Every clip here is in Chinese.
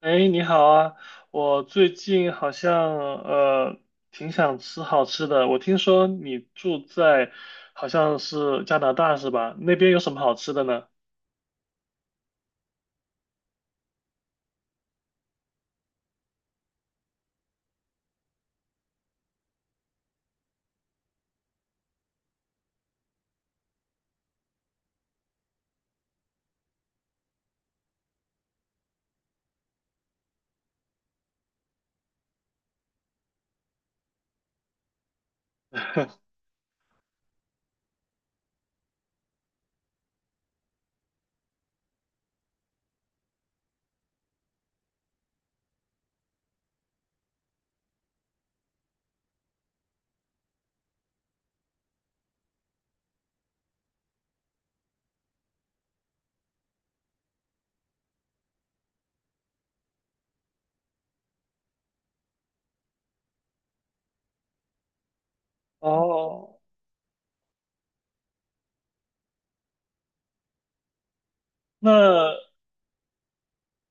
哎，你好啊！我最近好像挺想吃好吃的。我听说你住在好像是加拿大是吧？那边有什么好吃的呢？哦，那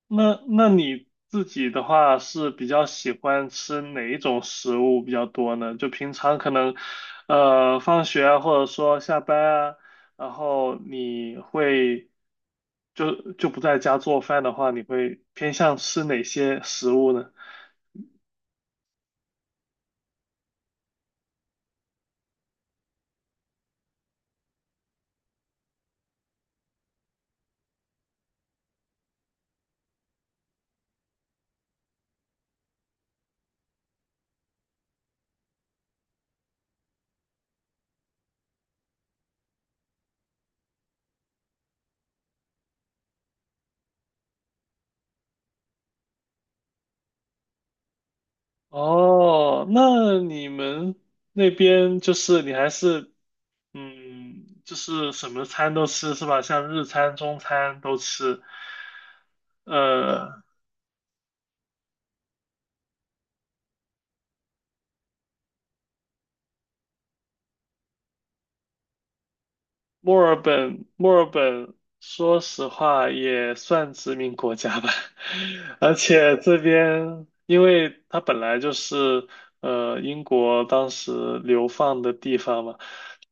那你自己的话是比较喜欢吃哪一种食物比较多呢？就平常可能，放学啊，或者说下班啊，然后你会就不在家做饭的话，你会偏向吃哪些食物呢？哦，那你们那边就是你还是嗯，就是什么餐都吃是吧？像日餐、中餐都吃，呃。墨尔本，说实话也算殖民国家吧，而且这边，因为它本来就是英国当时流放的地方嘛，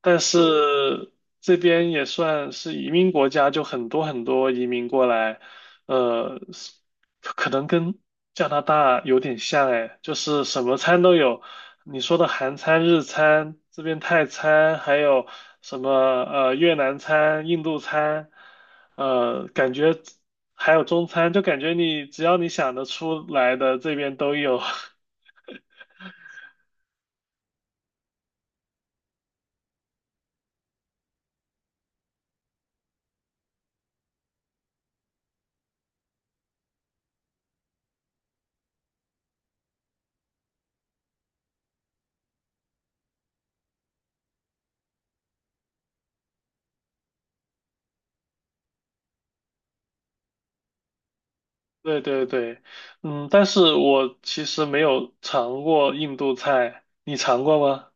但是这边也算是移民国家，就很多很多移民过来，呃，可能跟加拿大有点像哎，就是什么餐都有。你说的韩餐、日餐，这边泰餐，还有什么越南餐、印度餐，呃，感觉还有中餐，就感觉你只要你想得出来的，这边都有。对对对，嗯，但是我其实没有尝过印度菜，你尝过吗？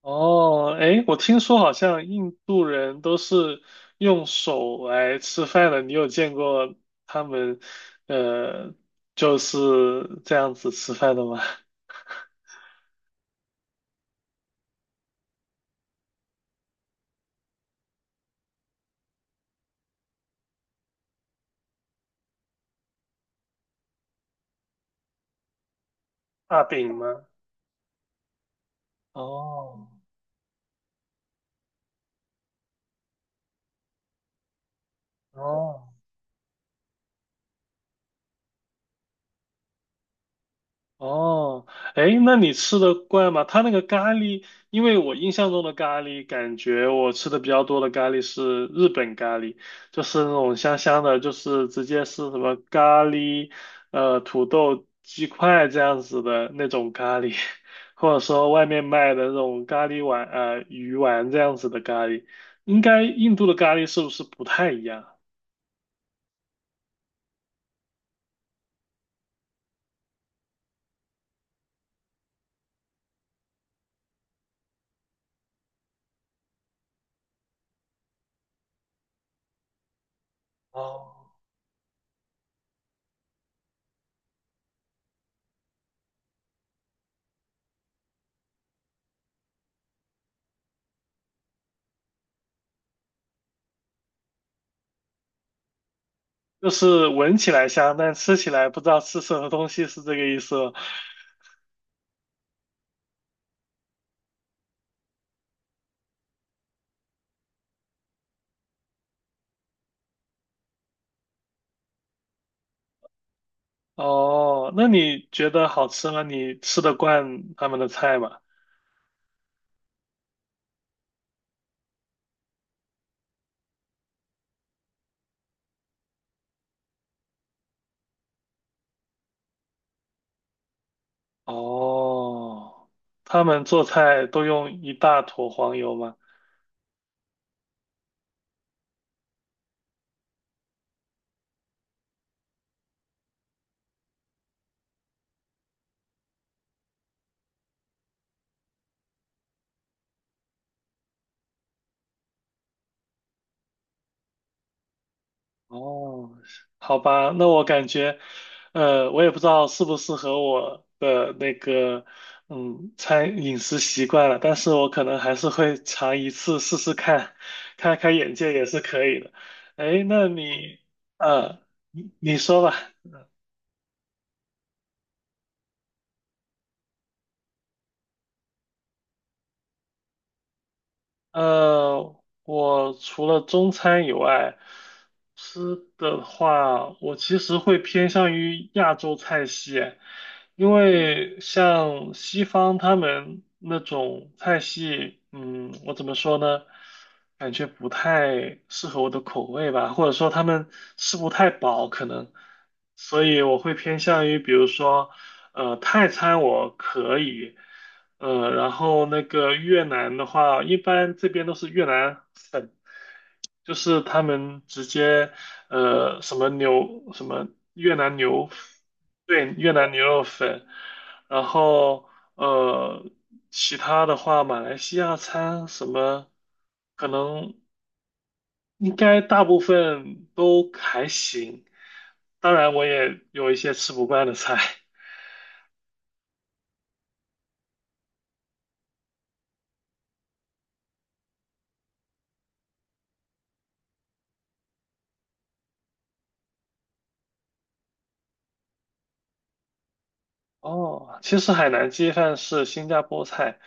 哦，哎，我听说好像印度人都是用手来吃饭的，你有见过他们，呃，就是这样子吃饭的吗？大饼吗？哦，哦，哦，哎，那你吃的惯吗？他那个咖喱，因为我印象中的咖喱，感觉我吃的比较多的咖喱是日本咖喱，就是那种香香的，就是直接是什么咖喱，土豆鸡块这样子的那种咖喱，或者说外面卖的那种咖喱丸，鱼丸这样子的咖喱。应该印度的咖喱是不是不太一样？哦，就是闻起来香，但吃起来不知道吃什么东西，是这个意思吗？哦，那你觉得好吃吗？你吃得惯他们的菜吗？哦，他们做菜都用一大坨黄油吗？哦，好吧，那我感觉，我也不知道适不适合我的那个，嗯，餐饮食习惯了，但是我可能还是会尝一次试试看，开开眼界也是可以的。哎，那你，呃，你说吧。呃，我除了中餐以外，吃的话，我其实会偏向于亚洲菜系，因为像西方他们那种菜系，嗯，我怎么说呢？感觉不太适合我的口味吧，或者说他们吃不太饱，可能，所以我会偏向于，比如说，泰餐我可以。然后那个越南的话，一般这边都是越南粉，就是他们直接什么牛什么越南牛，对，越南牛肉粉，然后呃其他的话，马来西亚餐什么可能应该大部分都还行，当然我也有一些吃不惯的菜，哦，其实海南鸡饭是新加坡菜，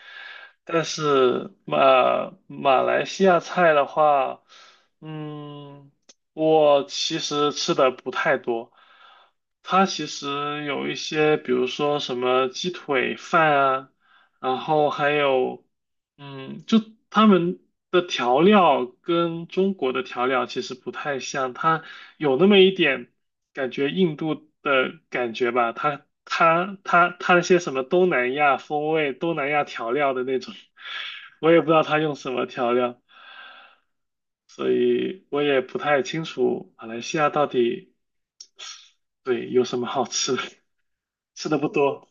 但是马来西亚菜的话，嗯，我其实吃的不太多。它其实有一些，比如说什么鸡腿饭啊，然后还有，嗯，就他们的调料跟中国的调料其实不太像，它。有那么一点感觉印度的感觉吧，它那些什么东南亚风味、东南亚调料的那种，我也不知道它用什么调料，所以我也不太清楚马来西亚到底对有什么好吃的 吃的不多。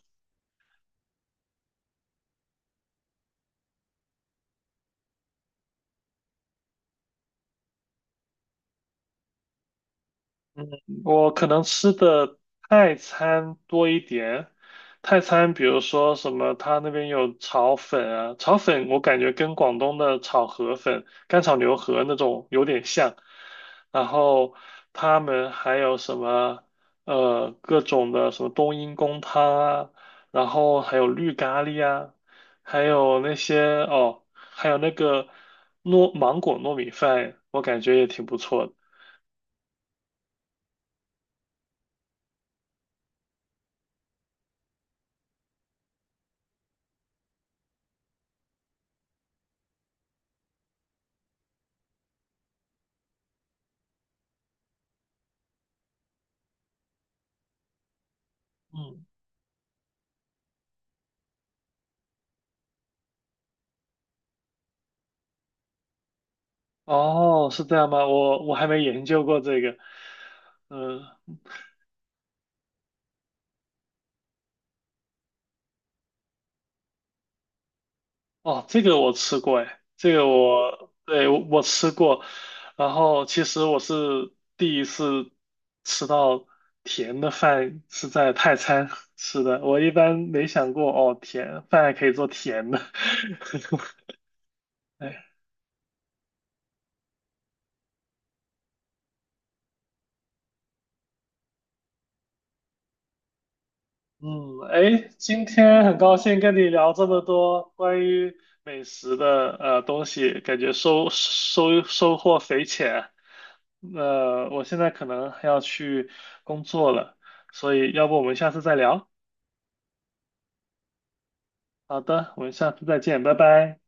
我可能吃的泰餐多一点，泰餐比如说什么，他那边有炒粉啊，炒粉我感觉跟广东的炒河粉、干炒牛河那种有点像，然后他们还有什么各种的什么冬阴功汤啊，然后还有绿咖喱啊，还有那些哦，还有那个糯芒果糯米饭，我感觉也挺不错的。嗯。哦，是这样吗？我还没研究过这个。嗯，哦，这个我吃过，哎，这个我，对，我吃过。然后其实我是第一次吃到甜的饭是在泰餐吃的，我一般没想过哦，甜饭还可以做甜的。哎嗯，哎，今天很高兴跟你聊这么多关于美食的东西，感觉收获匪浅。呃，我现在可能还要去工作了，所以要不我们下次再聊？好的，我们下次再见，拜拜。